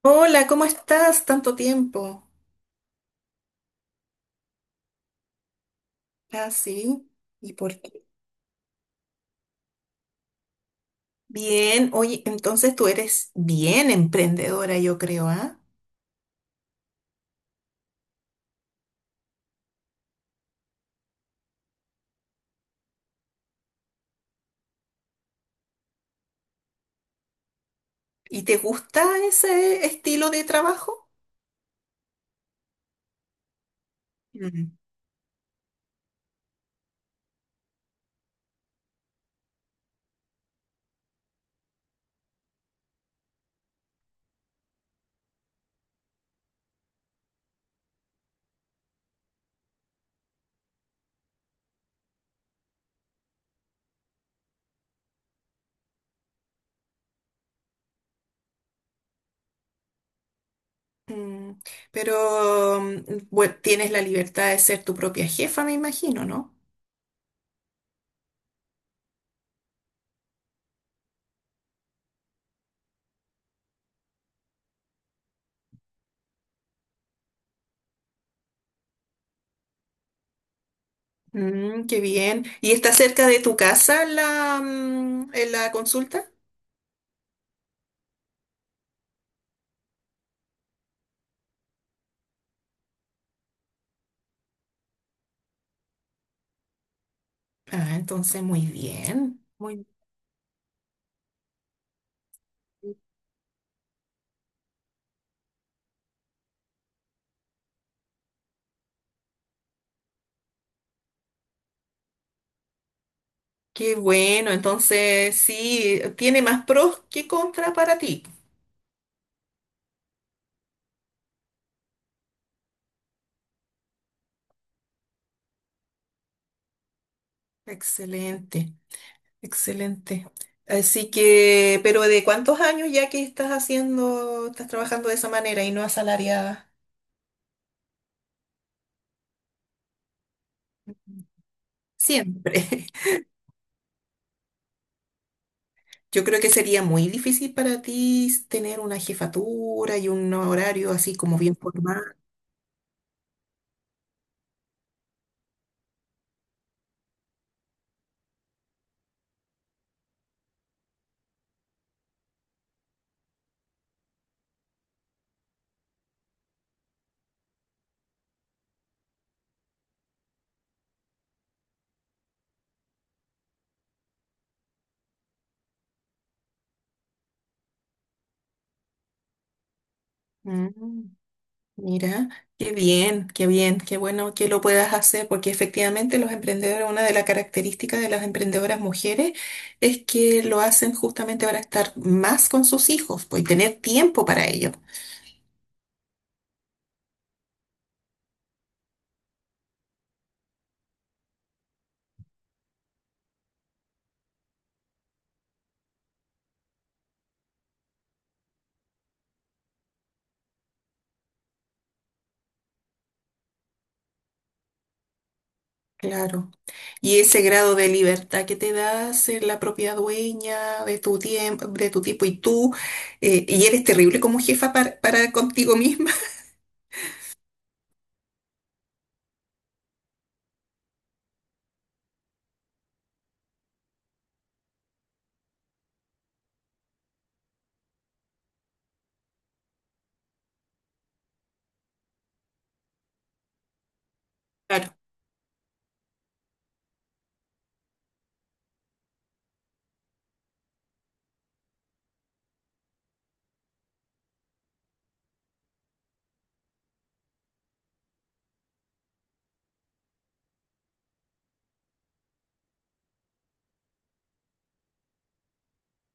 Hola, ¿cómo estás? Tanto tiempo. Ah, sí. ¿Y por qué? Bien, oye, entonces tú eres bien emprendedora, yo creo, ¿ah? ¿Y te gusta ese estilo de trabajo? Mm. Mm, Pero bueno, tienes la libertad de ser tu propia jefa, me imagino, ¿no? Mm, qué bien. ¿Y está cerca de tu casa la consulta? Ah, entonces muy bien. Muy, qué bueno. Entonces sí, tiene más pros que contra para ti. Excelente, excelente. Así que, pero ¿de cuántos años ya que estás trabajando de esa manera y no asalariada? Siempre. Yo creo que sería muy difícil para ti tener una jefatura y un horario así como bien formal. Mm. Mira, qué bien, qué bien, qué bueno que lo puedas hacer, porque efectivamente los emprendedores, una de las características de las emprendedoras mujeres es que lo hacen justamente para estar más con sus hijos, pues, y tener tiempo para ello. Claro. Y ese grado de libertad que te da ser la propia dueña de tu tiempo y tú, y eres terrible como jefa para contigo misma. Claro.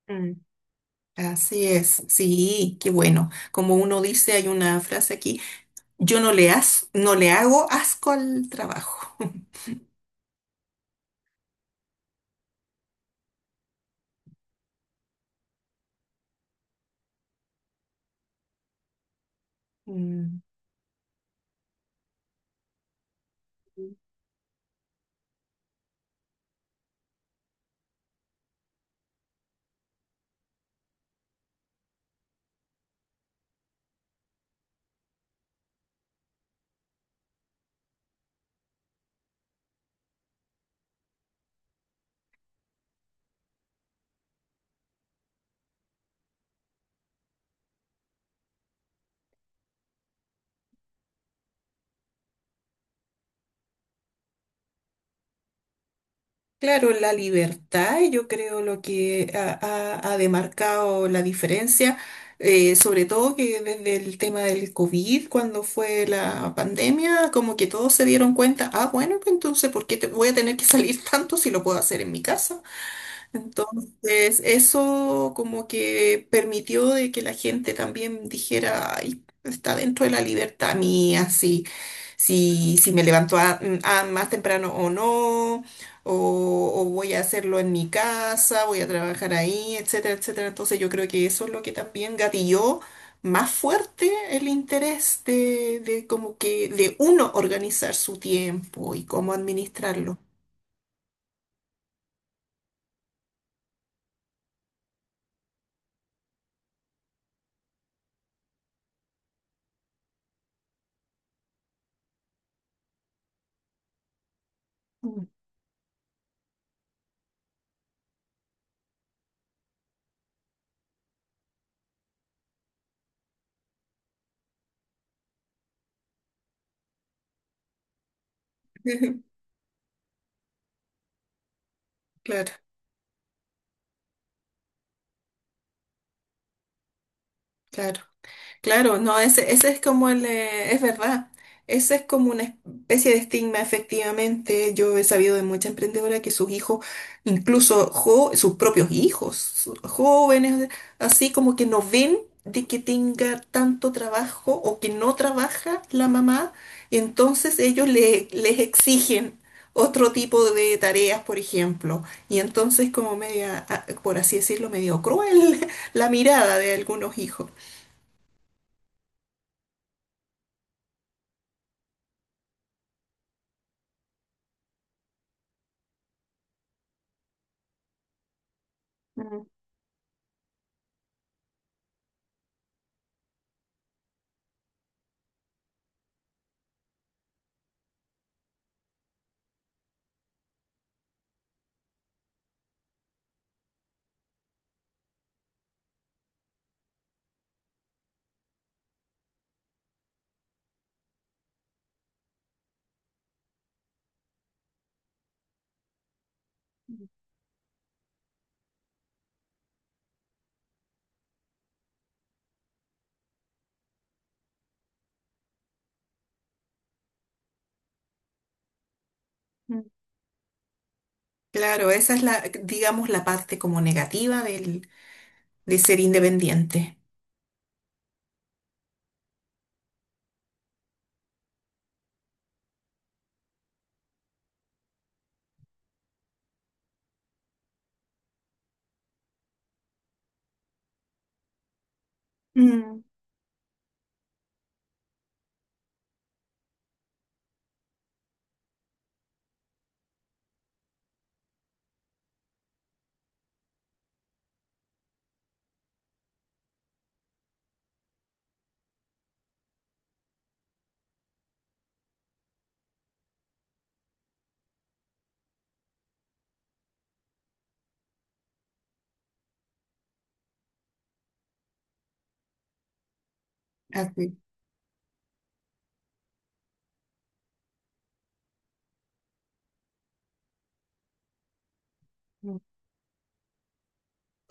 Mm. Así es, sí, qué bueno. Como uno dice, hay una frase aquí, yo no le hago asco al trabajo. Mm. Claro, la libertad, yo creo lo que ha demarcado la diferencia, sobre todo que desde el tema del COVID, cuando fue la pandemia, como que todos se dieron cuenta, ah, bueno, pues entonces, ¿por qué te voy a tener que salir tanto si lo puedo hacer en mi casa? Entonces, eso como que permitió de que la gente también dijera: "Ay, está dentro de la libertad mía, si me levanto a más temprano o no, o voy a hacerlo en mi casa, voy a trabajar ahí, etcétera, etcétera." Entonces, yo creo que eso es lo que también gatilló más fuerte el interés de como que de uno organizar su tiempo y cómo administrarlo. Mm. Claro, claro. Claro, no, ese es como el, es verdad, ese es como una especie de estigma, efectivamente. Yo he sabido de mucha emprendedora que sus hijos, sus propios hijos, jóvenes, así como que no ven de que tenga tanto trabajo o que no trabaja la mamá, y entonces les exigen otro tipo de tareas, por ejemplo, y entonces como media, ah, por así decirlo, medio cruel la mirada de algunos hijos. Mm. Claro, esa es la, digamos, la parte como de ser independiente. Mm, así.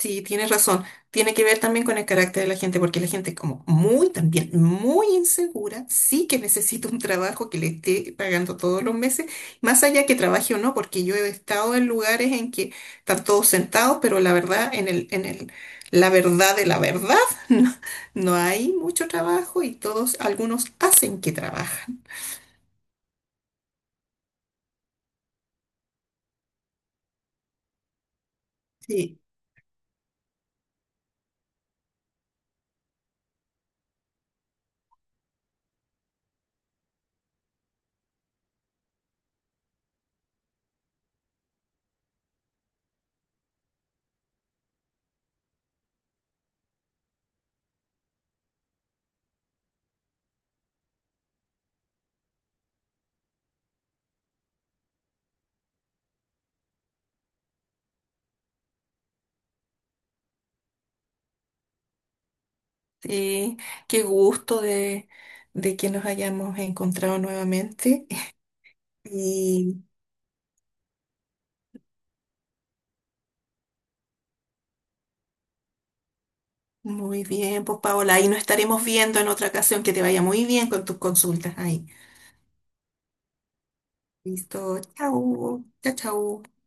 Sí, tienes razón. Tiene que ver también con el carácter de la gente, porque la gente es como muy también, muy insegura, sí que necesita un trabajo que le esté pagando todos los meses, más allá que trabaje o no, porque yo he estado en lugares en que están todos sentados, pero la verdad, la verdad de la verdad, no, no hay mucho trabajo y todos, algunos hacen que trabajan. Sí, sí, qué gusto de que nos hayamos encontrado nuevamente. Y muy bien, pues Paola, ahí nos estaremos viendo en otra ocasión. Que te vaya muy bien con tus consultas ahí. Listo, chau, chao, chau.